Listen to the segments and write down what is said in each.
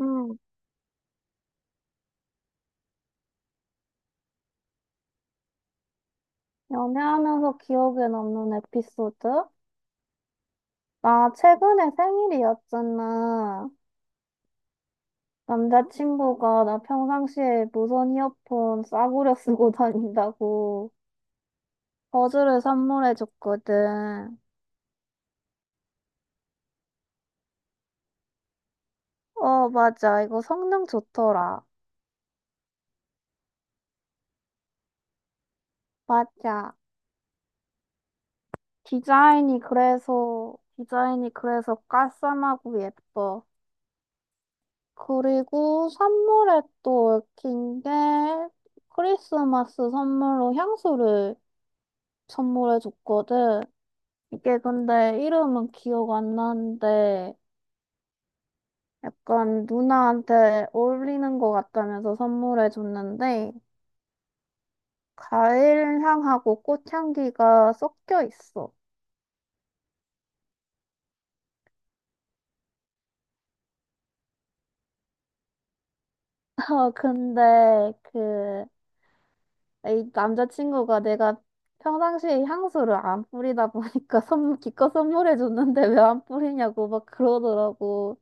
음, 연애하면서 기억에 남는 에피소드? 나 최근에 생일이었잖아. 남자친구가 나 평상시에 무선 이어폰 싸구려 쓰고 다닌다고 버즈를 선물해줬거든. 어, 맞아. 이거 성능 좋더라. 맞아. 디자인이 그래서 깔쌈하고 예뻐. 그리고 선물에 또 얽힌 게 크리스마스 선물로 향수를 선물해줬거든. 이게 근데 이름은 기억 안 나는데 약간 누나한테 어울리는 것 같다면서 선물해줬는데 과일 향하고 꽃향기가 섞여 있어. 어, 근데 이 남자친구가 내가 평상시에 향수를 안 뿌리다 보니까 선물 기껏 선물해줬는데 왜 안 뿌리냐고 막 그러더라고.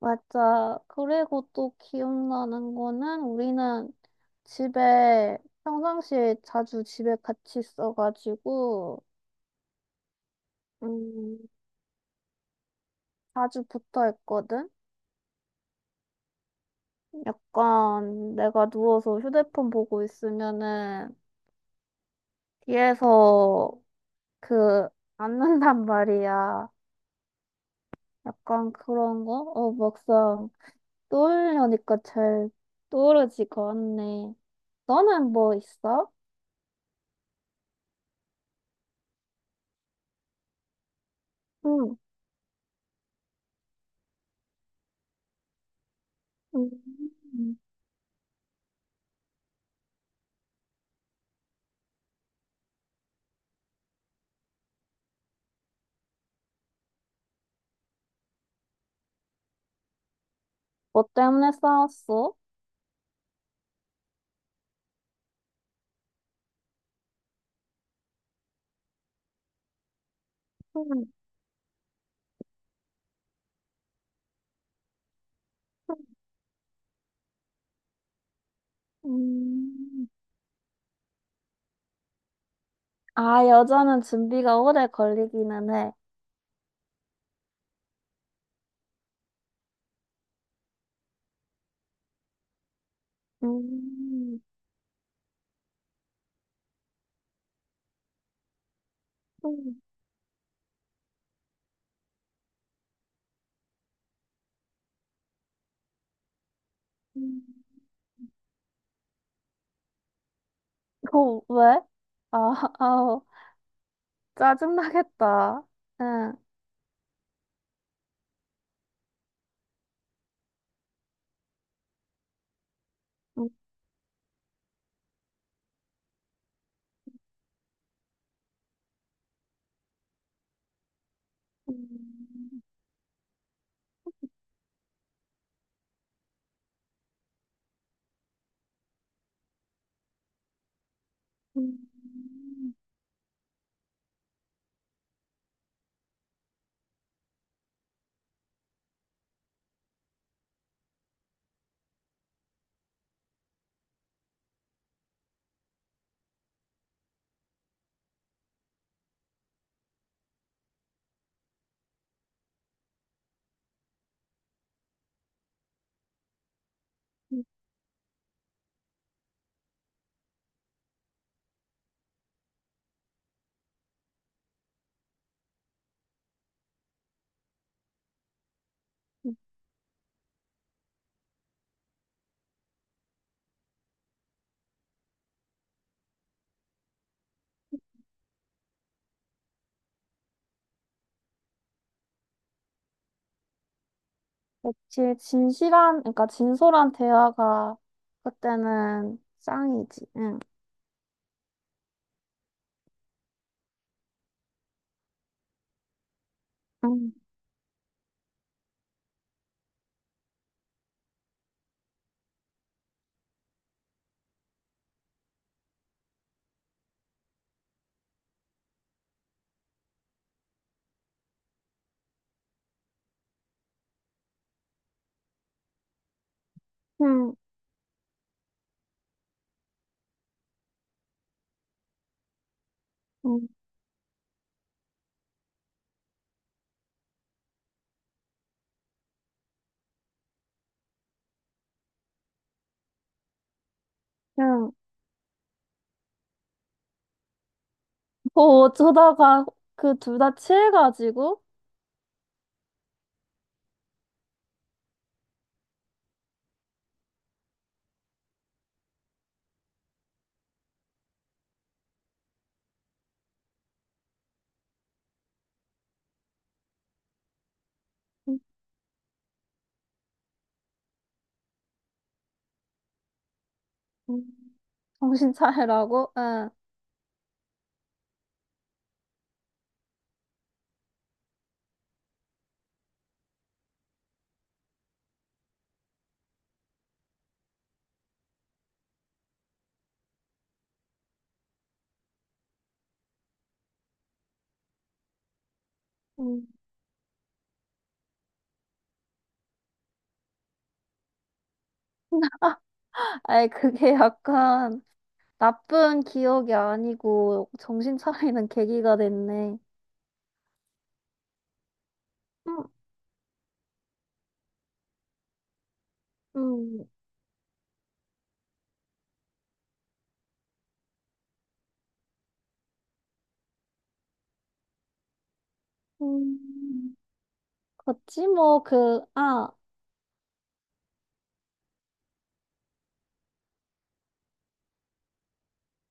맞아. 그리고 또 기억나는 거는 우리는 집에 평상시에 자주 집에 같이 있어가지고 음, 자주 붙어 있거든. 약간 내가 누워서 휴대폰 보고 있으면은 뒤에서 그 앉는단 말이야. 약간 그런 거? 어, 막상 떠올려니까 잘 떠오르지가 않네. 너는 뭐 있어? 응. 음. 뭐 때문에 싸웠어? 음, 음, 아, 여자는 준비가 오래 걸리기는 해. 음, 음, 음, 어, 왜? 아, 아우, 짜증나겠다. 응. 음, 음, 음, 음. 그치, 그러니까 진솔한 대화가 그때는 짱이지. 응. 응응 음, 응. 뭐 어쩌다가 그 둘 다 취해가지고? 응. 정신 차리라고? 응. 음. 아이, 그게 약간 나쁜 기억이 아니고 정신 차리는 계기가 됐네. 음, 음, 음, 그치, 뭐, 그, 아,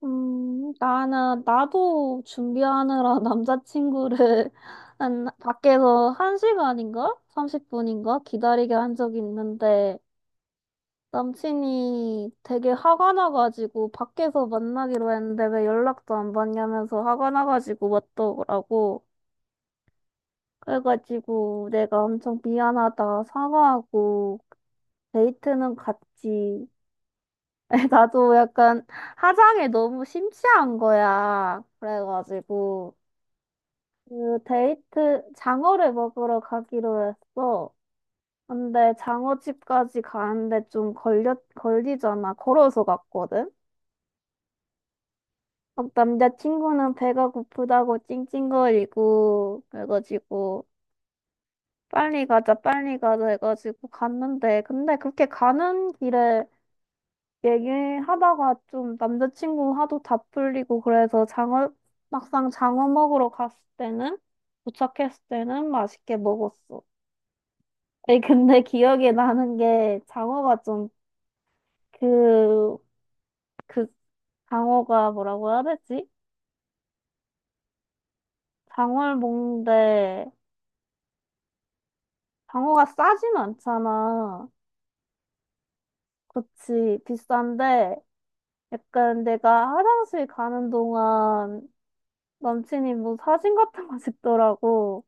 음, 나는, 나도 준비하느라 남자친구를 밖에서 한시간인가 30분인가? 기다리게 한 적이 있는데, 남친이 되게 화가 나가지고 밖에서 만나기로 했는데 왜 연락도 안 받냐면서 화가 나가지고 왔더라고. 그래가지고 내가 엄청 미안하다 사과하고 데이트는 갔지. 나도 약간 화장에 너무 심취한 거야. 그래가지고 그 데이트 장어를 먹으러 가기로 했어. 근데 장어집까지 가는데 좀 걸리잖아. 걸어서 갔거든. 막 남자친구는 배가 고프다고 찡찡거리고 그래가지고 빨리 가자 빨리 가자 해가지고 갔는데 근데 그렇게 가는 길에 얘기하다가 좀 남자친구 화도 다 풀리고 그래서 장어 막상 장어 먹으러 갔을 때는 도착했을 때는 맛있게 먹었어. 에 근데 기억에 나는 게 장어가 좀 그 그 장어가 뭐라고 해야 되지? 장어를 먹는데 방어가 싸진 않잖아. 그치, 비싼데, 약간 내가 화장실 가는 동안 남친이 뭐 사진 같은 거 찍더라고.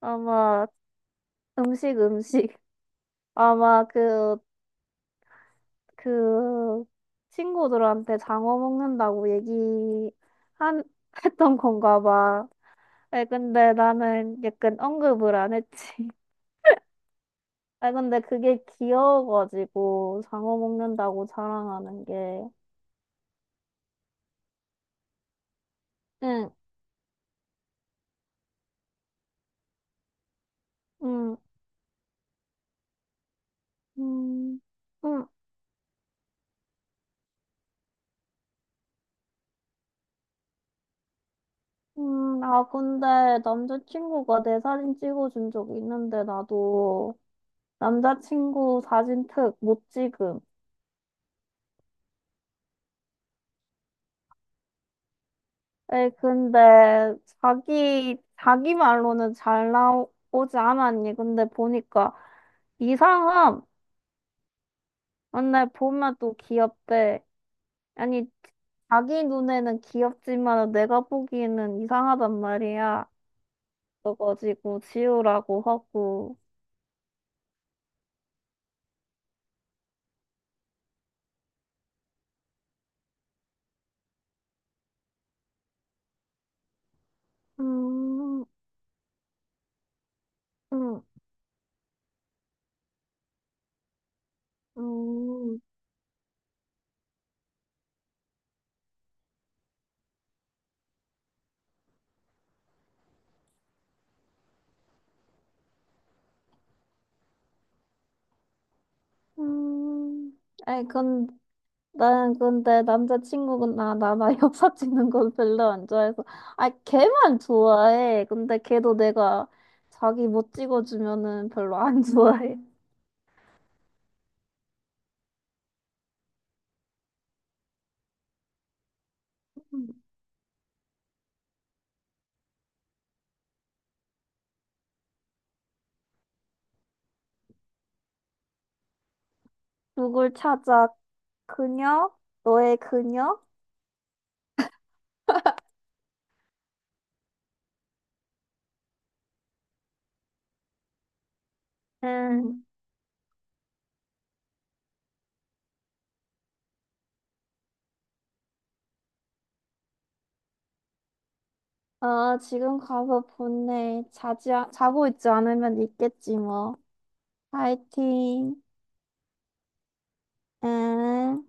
아마 음식, 음식. 아마 그 친구들한테 장어 먹는다고 얘기 한, 했던 건가 봐. 아 근데 나는 약간 언급을 안 했지. 아 근데 그게 귀여워가지고 장어 먹는다고 자랑하는 게. 응. 응. 음, 음, 아, 근데 남자친구가 내 사진 찍어준 적 있는데, 나도 남자친구 사진 특 못 찍음. 에이, 근데 자기 말로는 잘 나오지 않았니? 근데 보니까 이상함. 근데 보면 또 귀엽대. 아니, 자기 눈에는 귀엽지만 내가 보기에는 이상하단 말이야. 그래가지고 지우라고 하고. 음, 음. 음, 음, 아이, 난 근데 남자친구가 나 엽사 찍는 건 별로 안 좋아해서. 아, 걔만 좋아해. 근데 걔도 내가 자기 못 찍어주면은 별로 안 좋아해. 음. 누굴 찾아? 그녀? 너의 그녀? 응. 어, 지금 가서 보내. 자고 있지 않으면 있겠지, 뭐. 파이팅. 응.